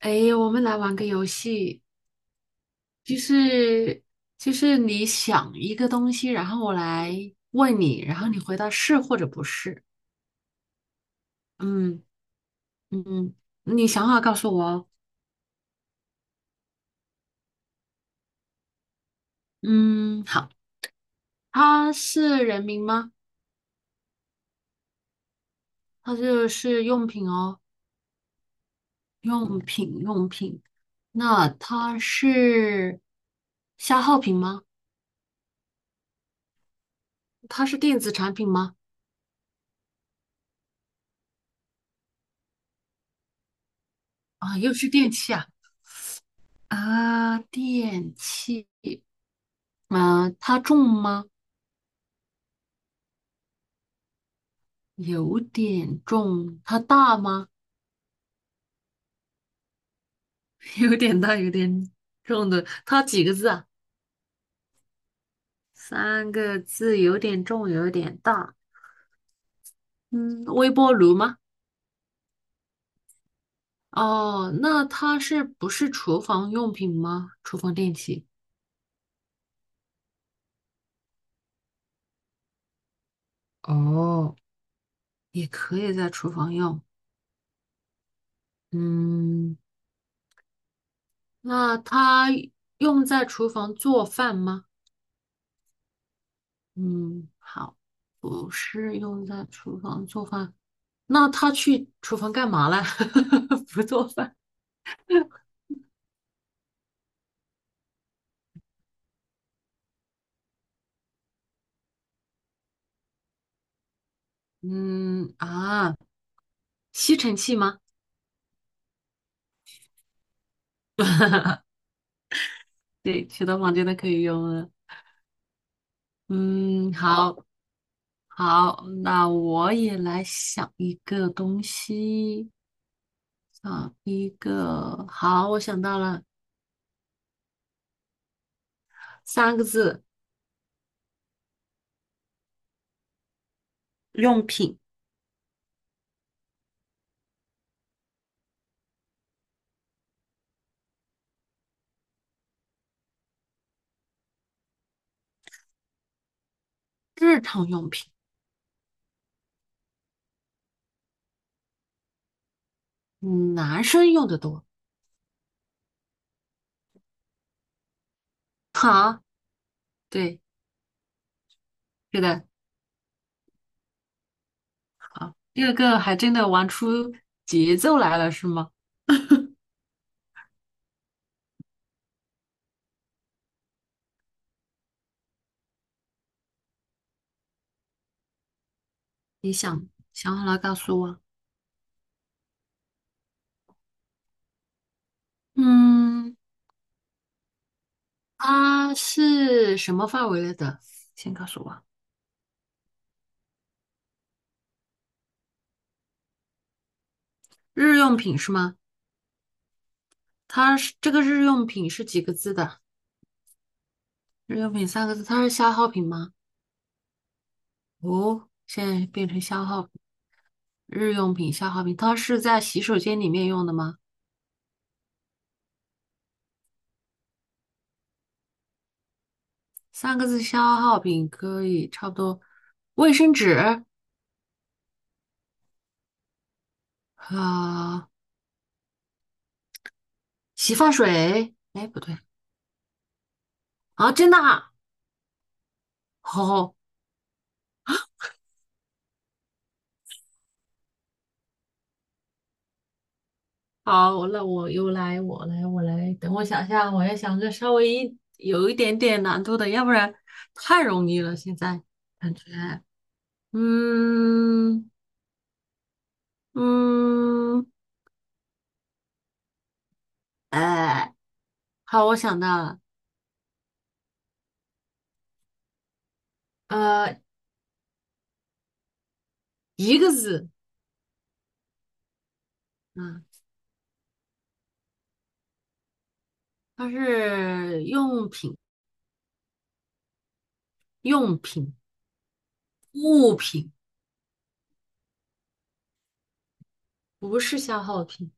哎，我们来玩个游戏，就是就是你想一个东西，然后我来问你，然后你回答是或者不是。嗯嗯，你想好告诉我哦。嗯，好，它是人名吗？它就是用品哦。那它是消耗品吗？它是电子产品吗？啊，又是电器啊啊，电器。啊，它重吗？有点重。它大吗？有点大，有点重的。它几个字啊？三个字，有点重，有点大。嗯，微波炉吗？哦，那它是不是厨房用品吗？厨房电器。哦，也可以在厨房用。嗯，那它用在厨房做饭吗？嗯，好，不是用在厨房做饭。那他去厨房干嘛了？不做饭。嗯啊，吸尘器吗？对，其他房间都可以用了。嗯，好，好，那我也来想一个东西，想一个，好，我想到了三个字，用品，日常用品，嗯，男生用的多。好，对，是的，好，二个还真的玩出节奏来了，是吗？你想想好了告诉我。嗯，啊，是什么范围内的？先告诉我，日用品是吗？它是这个日用品是几个字的？日用品三个字，它是消耗品吗？哦，现在变成消耗品日用品消耗品，它是在洗手间里面用的吗？三个字消耗品可以差不多，卫生纸啊、洗发水，哎，不对啊，真的啊，好、好，那我又来，我来，我来，等我想一下，我要想个稍微一有一点点难度的，要不然太容易了，现在感觉，嗯。嗯，呃，好，我想到了，呃，一个字，嗯，它是用品，用品，物品，不是消耗品，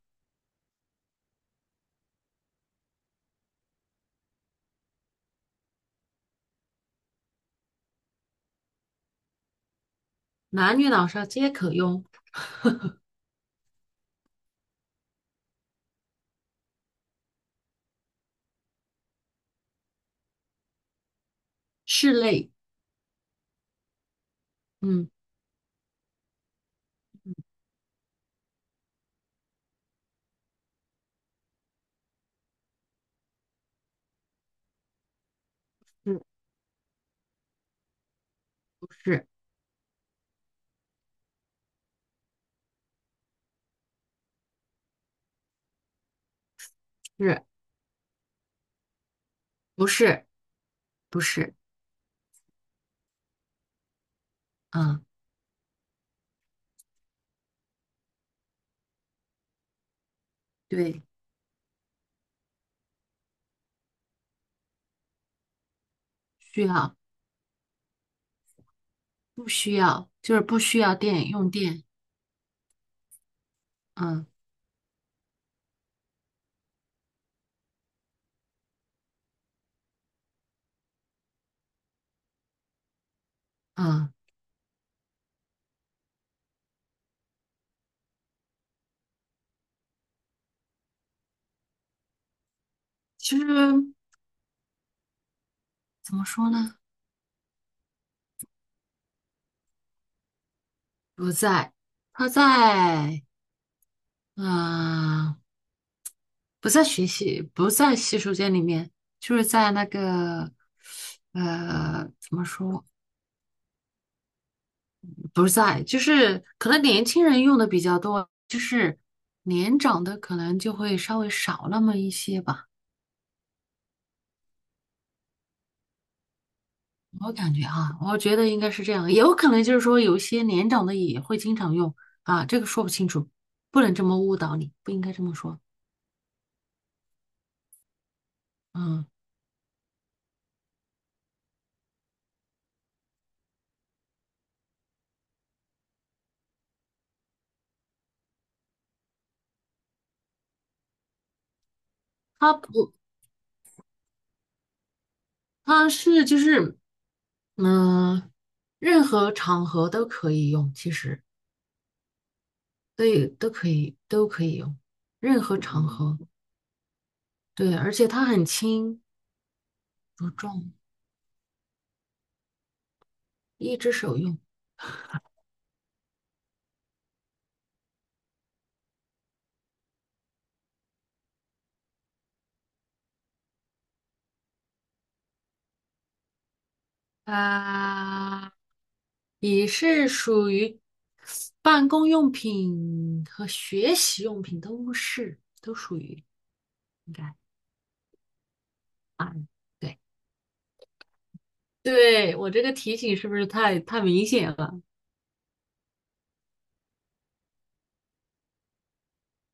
男女老少皆可用，是类，嗯，是不是，是，不是，不是，嗯，对，需要，不需要，就是不需要电，用电，嗯嗯，其实怎么说呢，不在，它在，嗯。不在学习，不在洗手间里面，就是在那个，怎么说？不在，就是可能年轻人用的比较多，就是年长的可能就会稍微少那么一些吧。我感觉啊，我觉得应该是这样，也有可能就是说有些年长的也会经常用啊，这个说不清楚，不能这么误导你，不应该这么说。嗯，它不，它是就是嗯，任何场合都可以用，其实。对，都可以，都可以用，任何场合。对，而且它很轻不重，一只手用。啊，笔是属于办公用品和学习用品都是，都属于应该啊。对，对，我这个提醒是不是太明显了？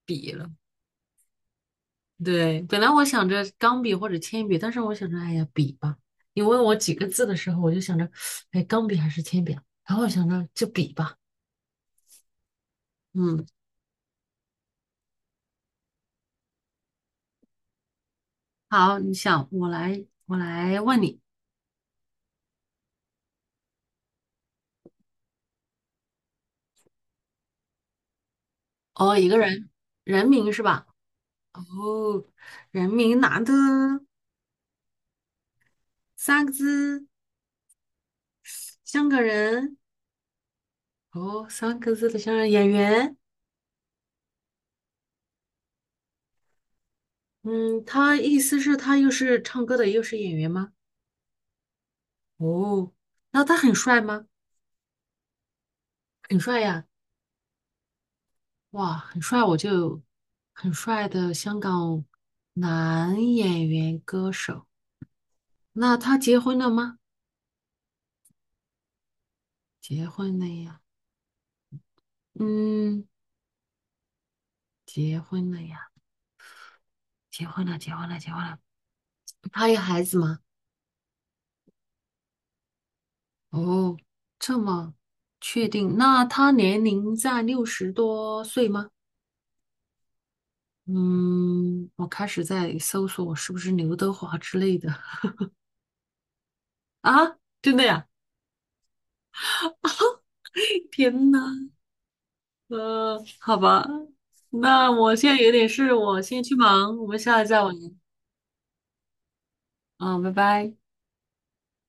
笔了？对，本来我想着钢笔或者铅笔，但是我想着，哎呀，笔吧。你问我几个字的时候，我就想着，哎，钢笔还是铅笔啊？然后我想着就笔吧。嗯，好，你想，我来，我来问你。哦，一个人，人名是吧？哦，人名男的，三个字，香港人。哦，三个字的香港演员。嗯，他意思是，他又是唱歌的，又是演员吗？哦，那他很帅吗？很帅呀。哇，很帅，我就很帅的香港男演员歌手。那他结婚了吗？结婚了呀，嗯，结婚了呀，结婚了，结婚了，结婚了。他有孩子吗？哦，这么确定？那他年龄在60多岁吗？嗯，我开始在搜索我是不是刘德华之类的 啊？真的呀？天呐！好吧，那我现在有点事，我先去忙，我们下次再玩。嗯，拜拜。